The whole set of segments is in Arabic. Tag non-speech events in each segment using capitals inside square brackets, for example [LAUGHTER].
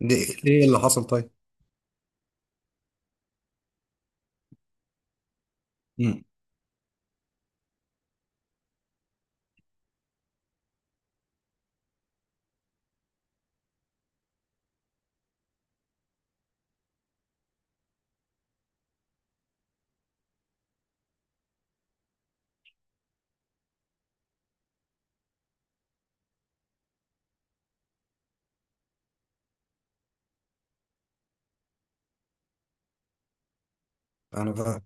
ليه اللي حصل طيب؟ مم. انا فاهم.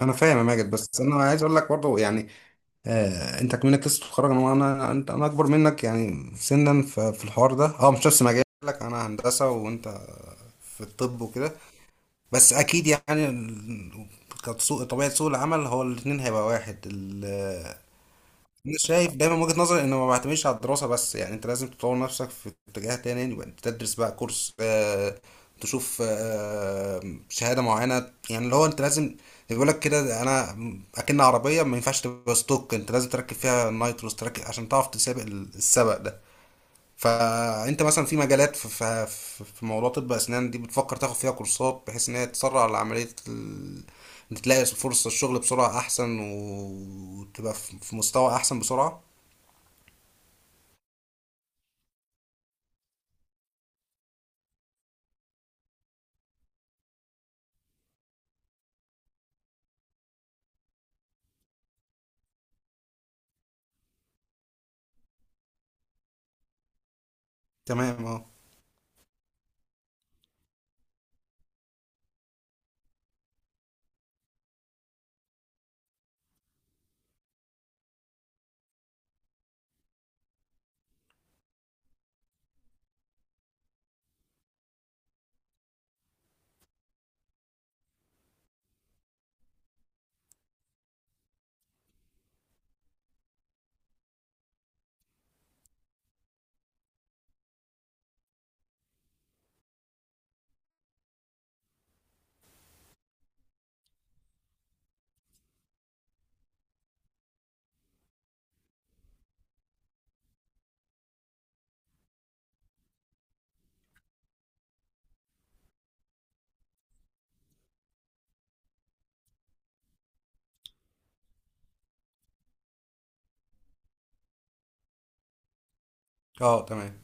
انا فاهم يا ماجد، بس انا عايز اقول لك برضه يعني، انت كمنك لسه بتتخرج. انا وانا انت انا اكبر منك يعني سنا، في الحوار ده مش نفس مجالك. انا هندسه وانت في الطب وكده. بس اكيد يعني كسوق طبيعه، سوق العمل هو الاثنين هيبقى واحد. انا شايف دايما من وجهة نظري انه ما بعتمدش على الدراسه بس، يعني انت لازم تطور نفسك في اتجاه تاني. يبقى انت تدرس بقى كورس، تشوف شهاده معينه. يعني اللي هو انت لازم، بيقول لك كده: انا اكن عربيه ما ينفعش تبقى ستوك، انت لازم تركب فيها النايتروس تركب عشان تعرف تسابق السبق ده. فانت مثلا في مجالات، في موضوع طب اسنان دي، بتفكر تاخد فيها كورسات بحيث ان هي تسرع العمليه. إن تلاقي فرصه الشغل بسرعه احسن وتبقى في مستوى احسن بسرعه. تمام. اه. اه تمام.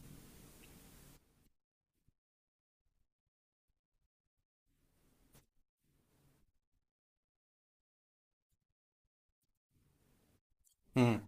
امم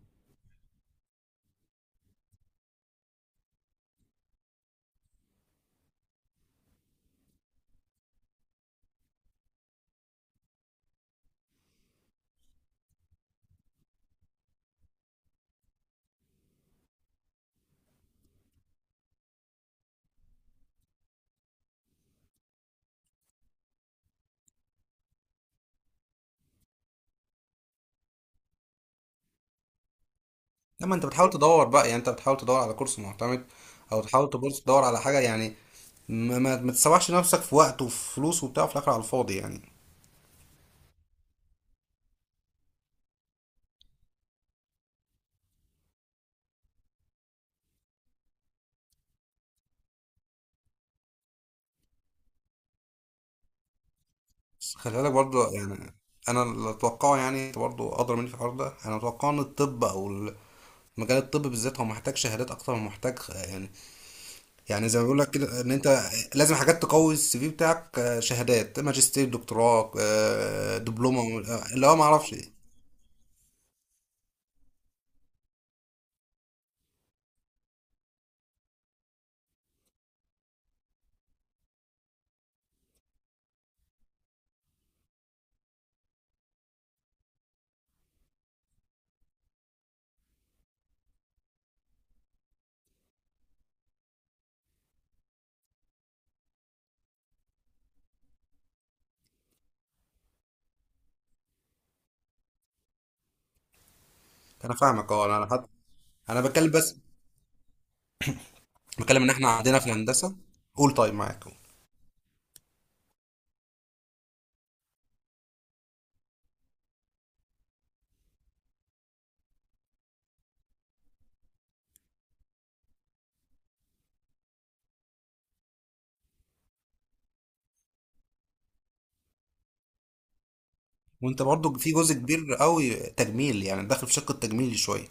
لما انت بتحاول تدور بقى، يعني انت بتحاول تدور على كورس معتمد او تحاول تبص تدور على حاجه، يعني ما تسوحش نفسك في وقت وفي فلوس وبتاع في الاخر على الفاضي يعني. بس خلي بالك برضه يعني، انا اللي اتوقعه يعني، انت برضه ادرى مني في الحوار ده. انا اتوقع ان الطب او مجال الطب بالذات هو محتاج شهادات اكتر من محتاج يعني. يعني زي ما بيقول لك كده ان انت لازم حاجات تقوي السي في بتاعك، شهادات ماجستير دكتوراه، دبلومه، اللي هو ما اعرفش إيه. انا فاهمك. اه انا حتى انا بتكلم، بس بتكلم ان احنا عندنا في الهندسه. قول. طيب معاك قول. وانت برضو في جزء كبير قوي تجميل يعني، داخل في شق التجميل شويه.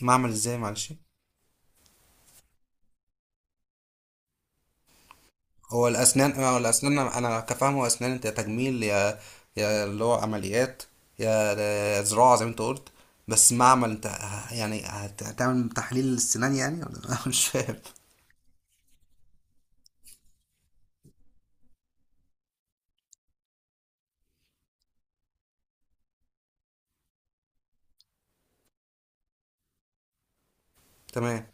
معمل ازاي؟ معلش، هو الاسنان. انا كفاهمه اسنان، انت يا تجميل، يا اللي هو عمليات، يا زراعه زي ما انت قلت. بس معمل؟ انت يعني هتعمل تحليل السنان يعني؟ ولا [LAUGHS] مش فاهم. تمام.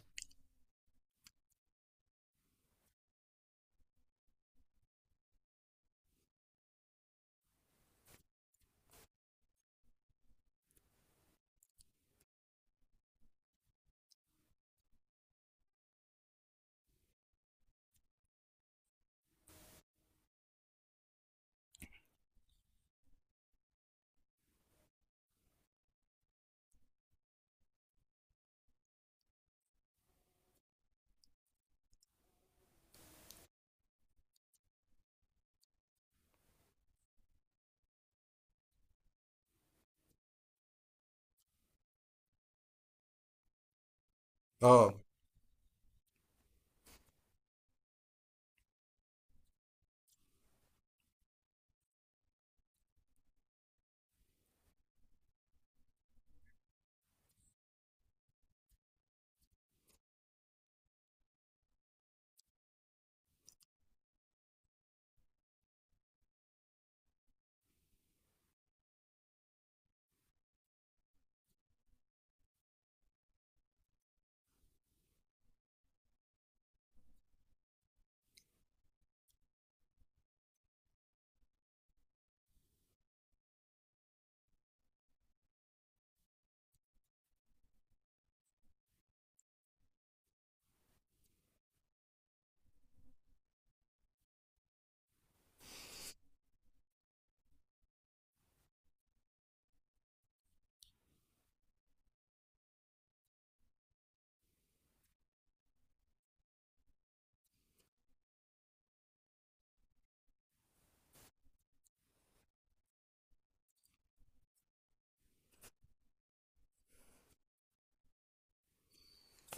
اه.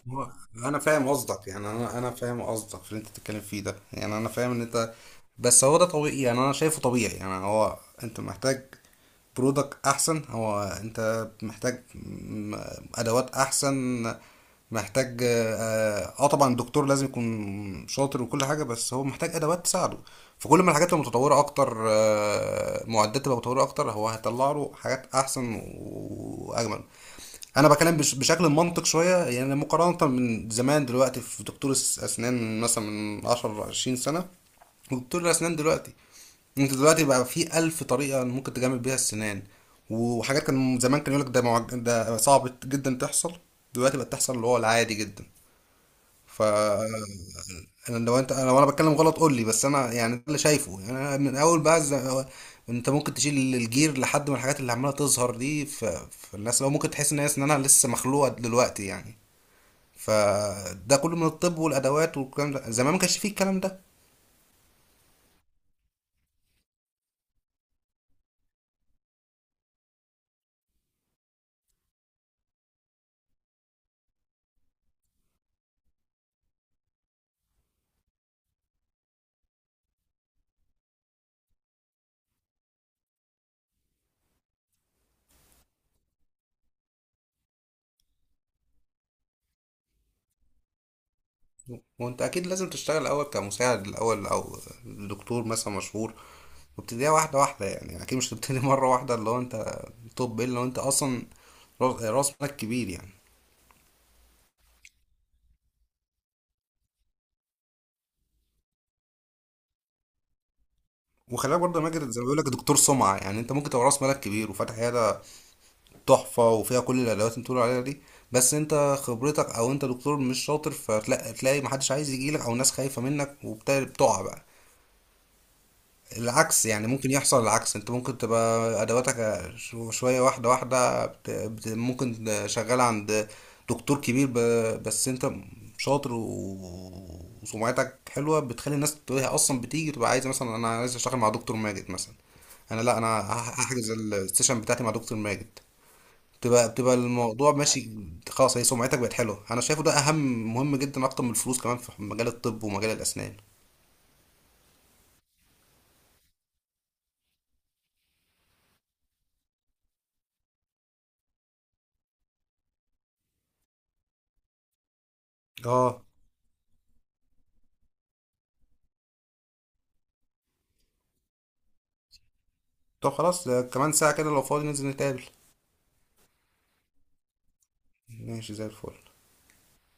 هو انا فاهم قصدك، يعني انا فاهم قصدك في اللي انت بتتكلم فيه ده. يعني انا فاهم ان انت، بس هو ده طبيعي. يعني انا شايفه طبيعي. يعني هو انت محتاج برودكت احسن، هو انت محتاج ادوات احسن. محتاج طبعا الدكتور لازم يكون شاطر وكل حاجه، بس هو محتاج ادوات تساعده. فكل ما الحاجات تبقى متطوره اكتر، معدات تبقى متطوره اكتر، هو هيطلع له حاجات احسن واجمل. انا بكلم بشكل منطق شويه يعني. مقارنه من زمان، دلوقتي في دكتور الاسنان مثلا من 10 20 سنه، دكتور الاسنان دلوقتي، انت دلوقتي بقى في الف طريقه ممكن تجمل بيها السنان. وحاجات كان زمان كان يقولك ده ده صعب جدا تحصل، دلوقتي بقت تحصل اللي هو العادي جدا. ف انا لو انت، انا وانا بتكلم غلط قول لي، بس انا يعني ده اللي شايفه. يعني انا من اول بقى انت ممكن تشيل الجير لحد من الحاجات اللي عماله تظهر دي في الناس، لو ممكن تحس ان هي اسنانها لسه مخلوقه دلوقتي يعني. فده كله من الطب والادوات والكلام ده، زمان ما كانش فيه الكلام ده. وانت اكيد لازم تشتغل الاول كمساعد الاول او دكتور مثلا مشهور، وابتديها واحده واحده، يعني اكيد مش تبتدي [LAUGHS] مره واحده اللي هو انت. طب الا لو انت اصلا رأس مالك كبير يعني. وخلي بالك برضه يا ماجد، زي ما بيقول لك دكتور سمعه، يعني انت ممكن تبقى راس مالك كبير وفاتح عياده تحفه وفيها كل الادوات اللي بتقول عليها دي، بس انت خبرتك او انت دكتور مش شاطر، فتلاقي محدش عايز يجيلك او ناس خايفه منك، وبتقع بقى. العكس يعني ممكن يحصل. العكس انت ممكن تبقى ادواتك شوية واحدة واحدة، ممكن شغال عند دكتور كبير، بس انت شاطر وسمعتك حلوة، بتخلي الناس تقول هي اصلا بتيجي تبقى عايزة، مثلا انا عايز اشتغل مع دكتور ماجد مثلا. انا لا، انا هحجز السيشن بتاعتي مع دكتور ماجد. بتبقى الموضوع ماشي، خلاص. هي سمعتك بقت حلوه. انا شايفه ده اهم، مهم جدا اكتر من الفلوس كمان في مجال الطب ومجال الاسنان. اه. طب خلاص، كمان ساعة كده لو فاضي ننزل نتقابل. ماشي زي الفل.